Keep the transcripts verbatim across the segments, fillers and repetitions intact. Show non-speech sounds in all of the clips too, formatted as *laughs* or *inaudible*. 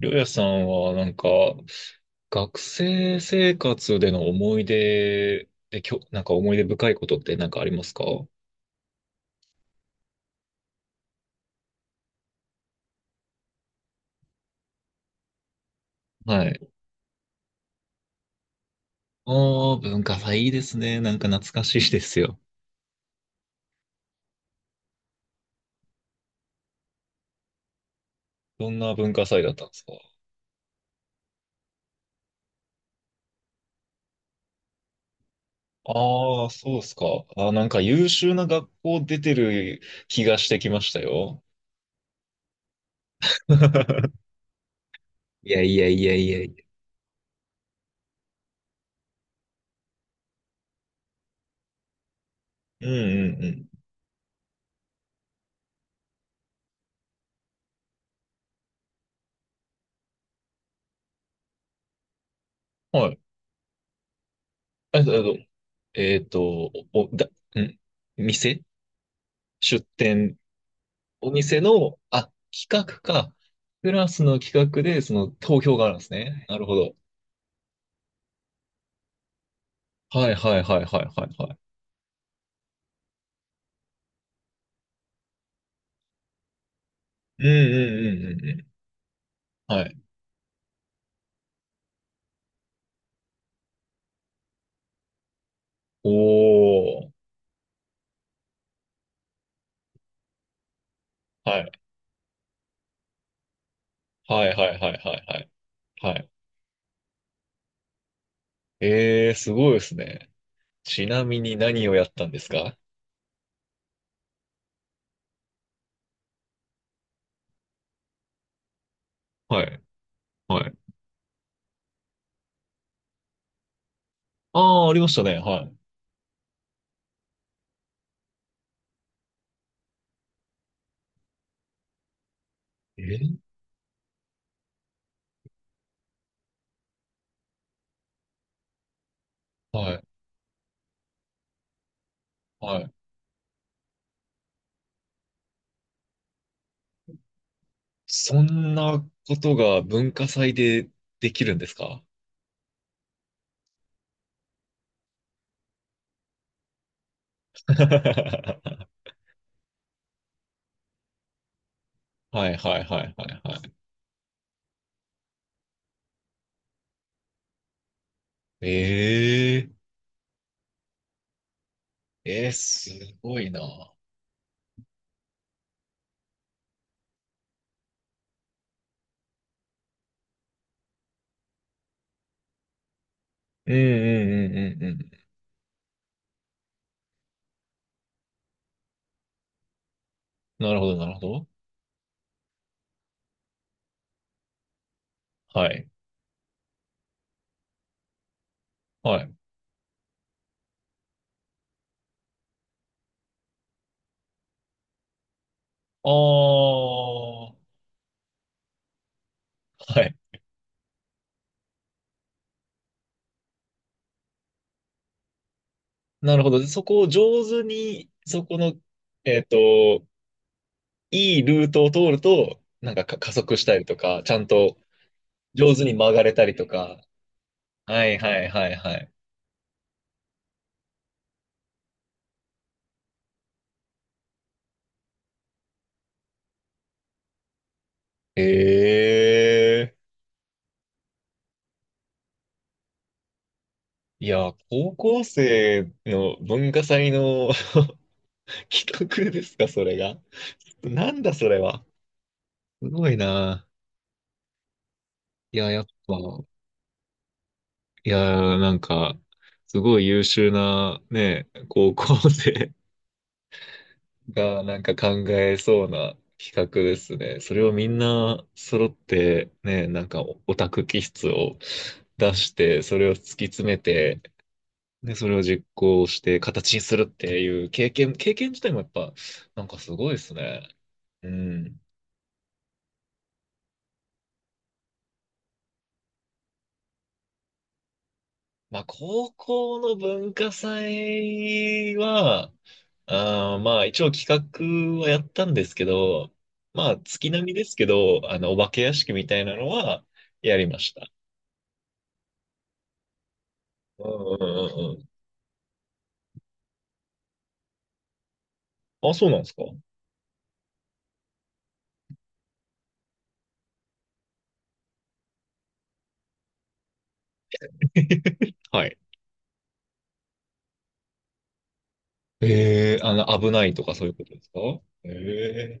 りょうやさんはなんか、学生生活での思い出で、きょ、なんか思い出深いことってなんかありますか？はい。ああ文化祭いいですね。なんか懐かしいですよ。どんな文化祭だったんですか？ああー、そうっすか。あー、なんか優秀な学校出てる気がしてきましたよ。*laughs* いやいやいやいやいや。うんうんうん。はい。えっと、えっと、お、だ、ん店出店お店の、あ、企画か。クラスの企画で、その投票があるんですね。なるほど。はいはいはいはいはいはい。うんうんうんうんうん。はい。おー。はい。はいはいはいはいはい。はい。えー、すごいですね。ちなみに何をやったんですか？はい。はい。ああ、ありましたね。はい。えはい。はい。そんなことが文化祭でできるんですか？ *laughs* はいはいはいはいはい。えええー、すごいな。うんうんうんうんうん。なるほど、なるほど。はい。はい。ああ、はい。なるほど。でそこを上手に、そこの、えっと、いいルートを通ると、なんか、か加速したりとか、ちゃんと上手に曲がれたりとか。はいはいはいはい。ええいや、高校生の文化祭の *laughs* 企画ですか、それが。なんだそれは。すごいな。いや、やっぱ、いや、なんか、すごい優秀なね、高校生 *laughs* がなんか考えそうな企画ですね。それをみんな揃ってね、なんかオタク気質を出して、それを突き詰めて、で、それを実行して形にするっていう経験、経験自体もやっぱ、なんかすごいですね。うん。まあ、高校の文化祭は、あーまあ、一応企画はやったんですけど、まあ、月並みですけど、あの、お化け屋敷みたいなのはやりました。うんうんうんうん。あ、そうなんですか？ *laughs* はい。ええ、あの、危ないとかそういうことですか？ええ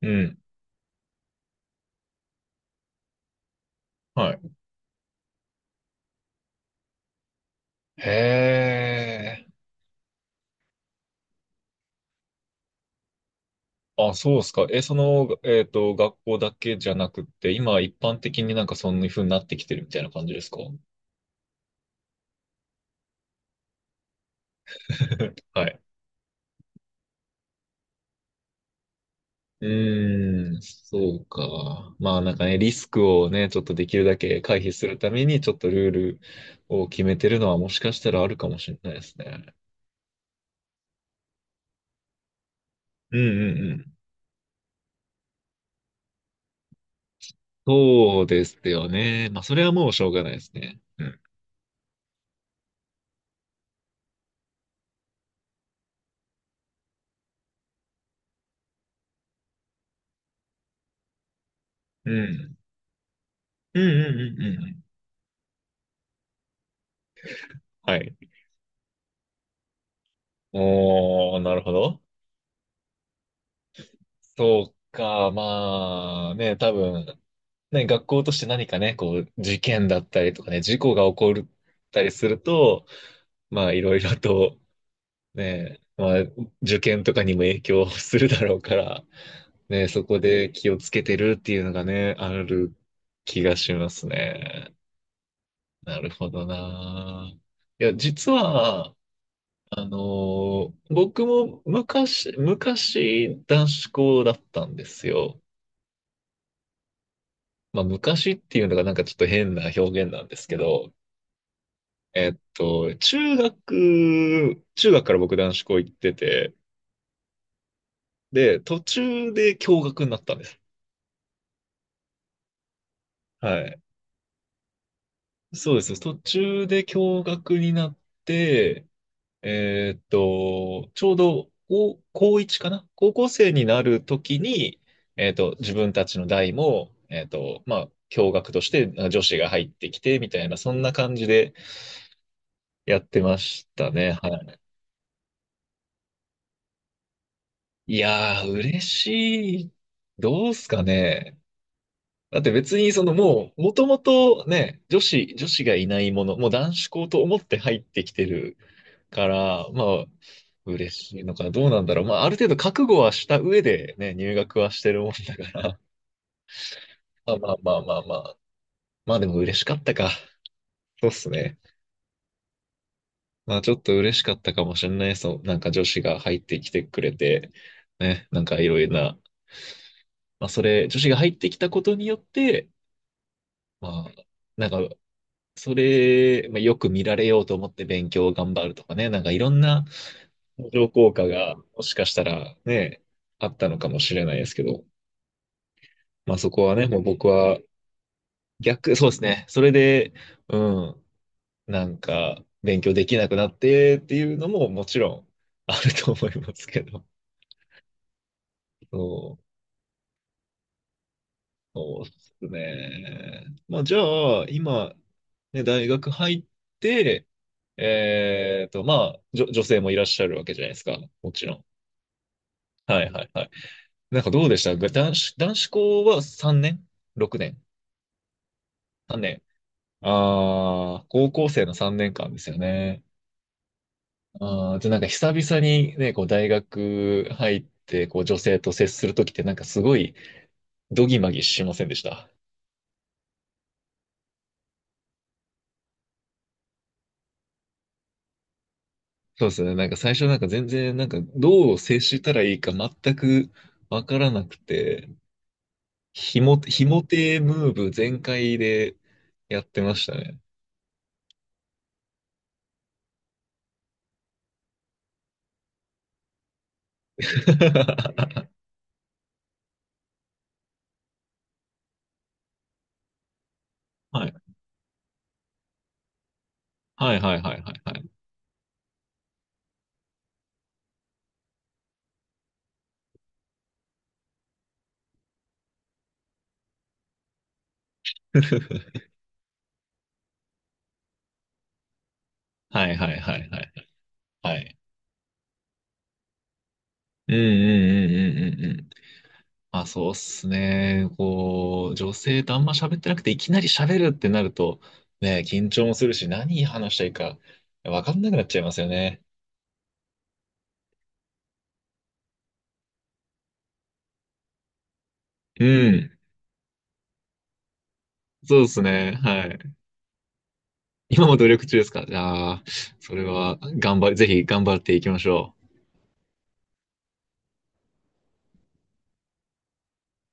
うん。はい。へえ。あ、そうですか。え、その、えっと、学校だけじゃなくって、今一般的になんかそんな風になってきてるみたいな感じですか？ *laughs* はい。うーん、そうか。まあなんかね、リスクをね、ちょっとできるだけ回避するために、ちょっとルールを決めてるのはもしかしたらあるかもしれないですね。うんうんうん。そうですよね。まあそれはもうしょうがないですね。うん。うん。うんうんうんうん。はい。おー、なるほど。そうか。まあね、多分、ね、学校として何かね、こう、事件だったりとかね、事故が起こったりすると、まあ、いろいろとねえ、まあ、受験とかにも影響するだろうから、ねえ、そこで気をつけてるっていうのがね、ある気がしますね。なるほどな。いや、実は、あのー僕も昔、昔、男子校だったんですよ。まあ、昔っていうのがなんかちょっと変な表現なんですけど、えっと、中学、中学から僕男子校行ってて、で、途中で共学になったんです。はい。そうです。途中で共学になって、えーっと、ちょうど高、高こういちかな高校生になるときに、えーっと、自分たちの代も、えーっと、まあ、共学としてあ女子が入ってきて、みたいな、そんな感じでやってましたね。はい。いやー、嬉しい。どうすかね。だって別にそのもう、もともとね、女子、女子がいないもの、もう男子校と思って入ってきてるから、まあ、嬉しいのか、どうなんだろう。まあ、ある程度覚悟はした上でね、入学はしてるもんだから。*laughs* まあまあまあまあまあ。まあでも嬉しかったか。そうっすね。まあちょっと嬉しかったかもしれないですそう。なんか女子が入ってきてくれて、ね、なんかいろいろな。まあそれ、女子が入ってきたことによって、まあ、なんか、それ、まあ、よく見られようと思って勉強を頑張るとかね、なんかいろんな相乗効果がもしかしたらね、あったのかもしれないですけど、まあそこはね、もう僕は逆、そうですね。それで、うん、なんか勉強できなくなってっていうのももちろんあると思いますけど。そう、そうですね。まあじゃあ、今、ね、大学入って、えっと、まあ、じょ、女性もいらっしゃるわけじゃないですか。もちろん。はいはいはい。なんかどうでした？男子、男子校はさんねん？ ろく 年？ さん 年。ああ、高校生のさんねんかんですよね。ああ、じゃあなんか久々にね、こう大学入って、こう女性と接するときってなんかすごいドギマギしませんでした？そうですね。なんか最初なんか全然なんかどう接したらいいか全くわからなくて、ひも、ひもてムーブ全開でやってましたね。*laughs* はい。はいはいはいはいはい。はいはいはいはいはい。うんうんうんうんうんうん。あ、そうっすね。こう、女性とあんま喋ってなくて、いきなり喋るってなると、ね、緊張もするし、何話したいか、わかんなくなっちゃいますよね。うん。そうですね。はい。今も努力中ですか？じゃあ、それは、頑張り、ぜひ頑張っていきましょう。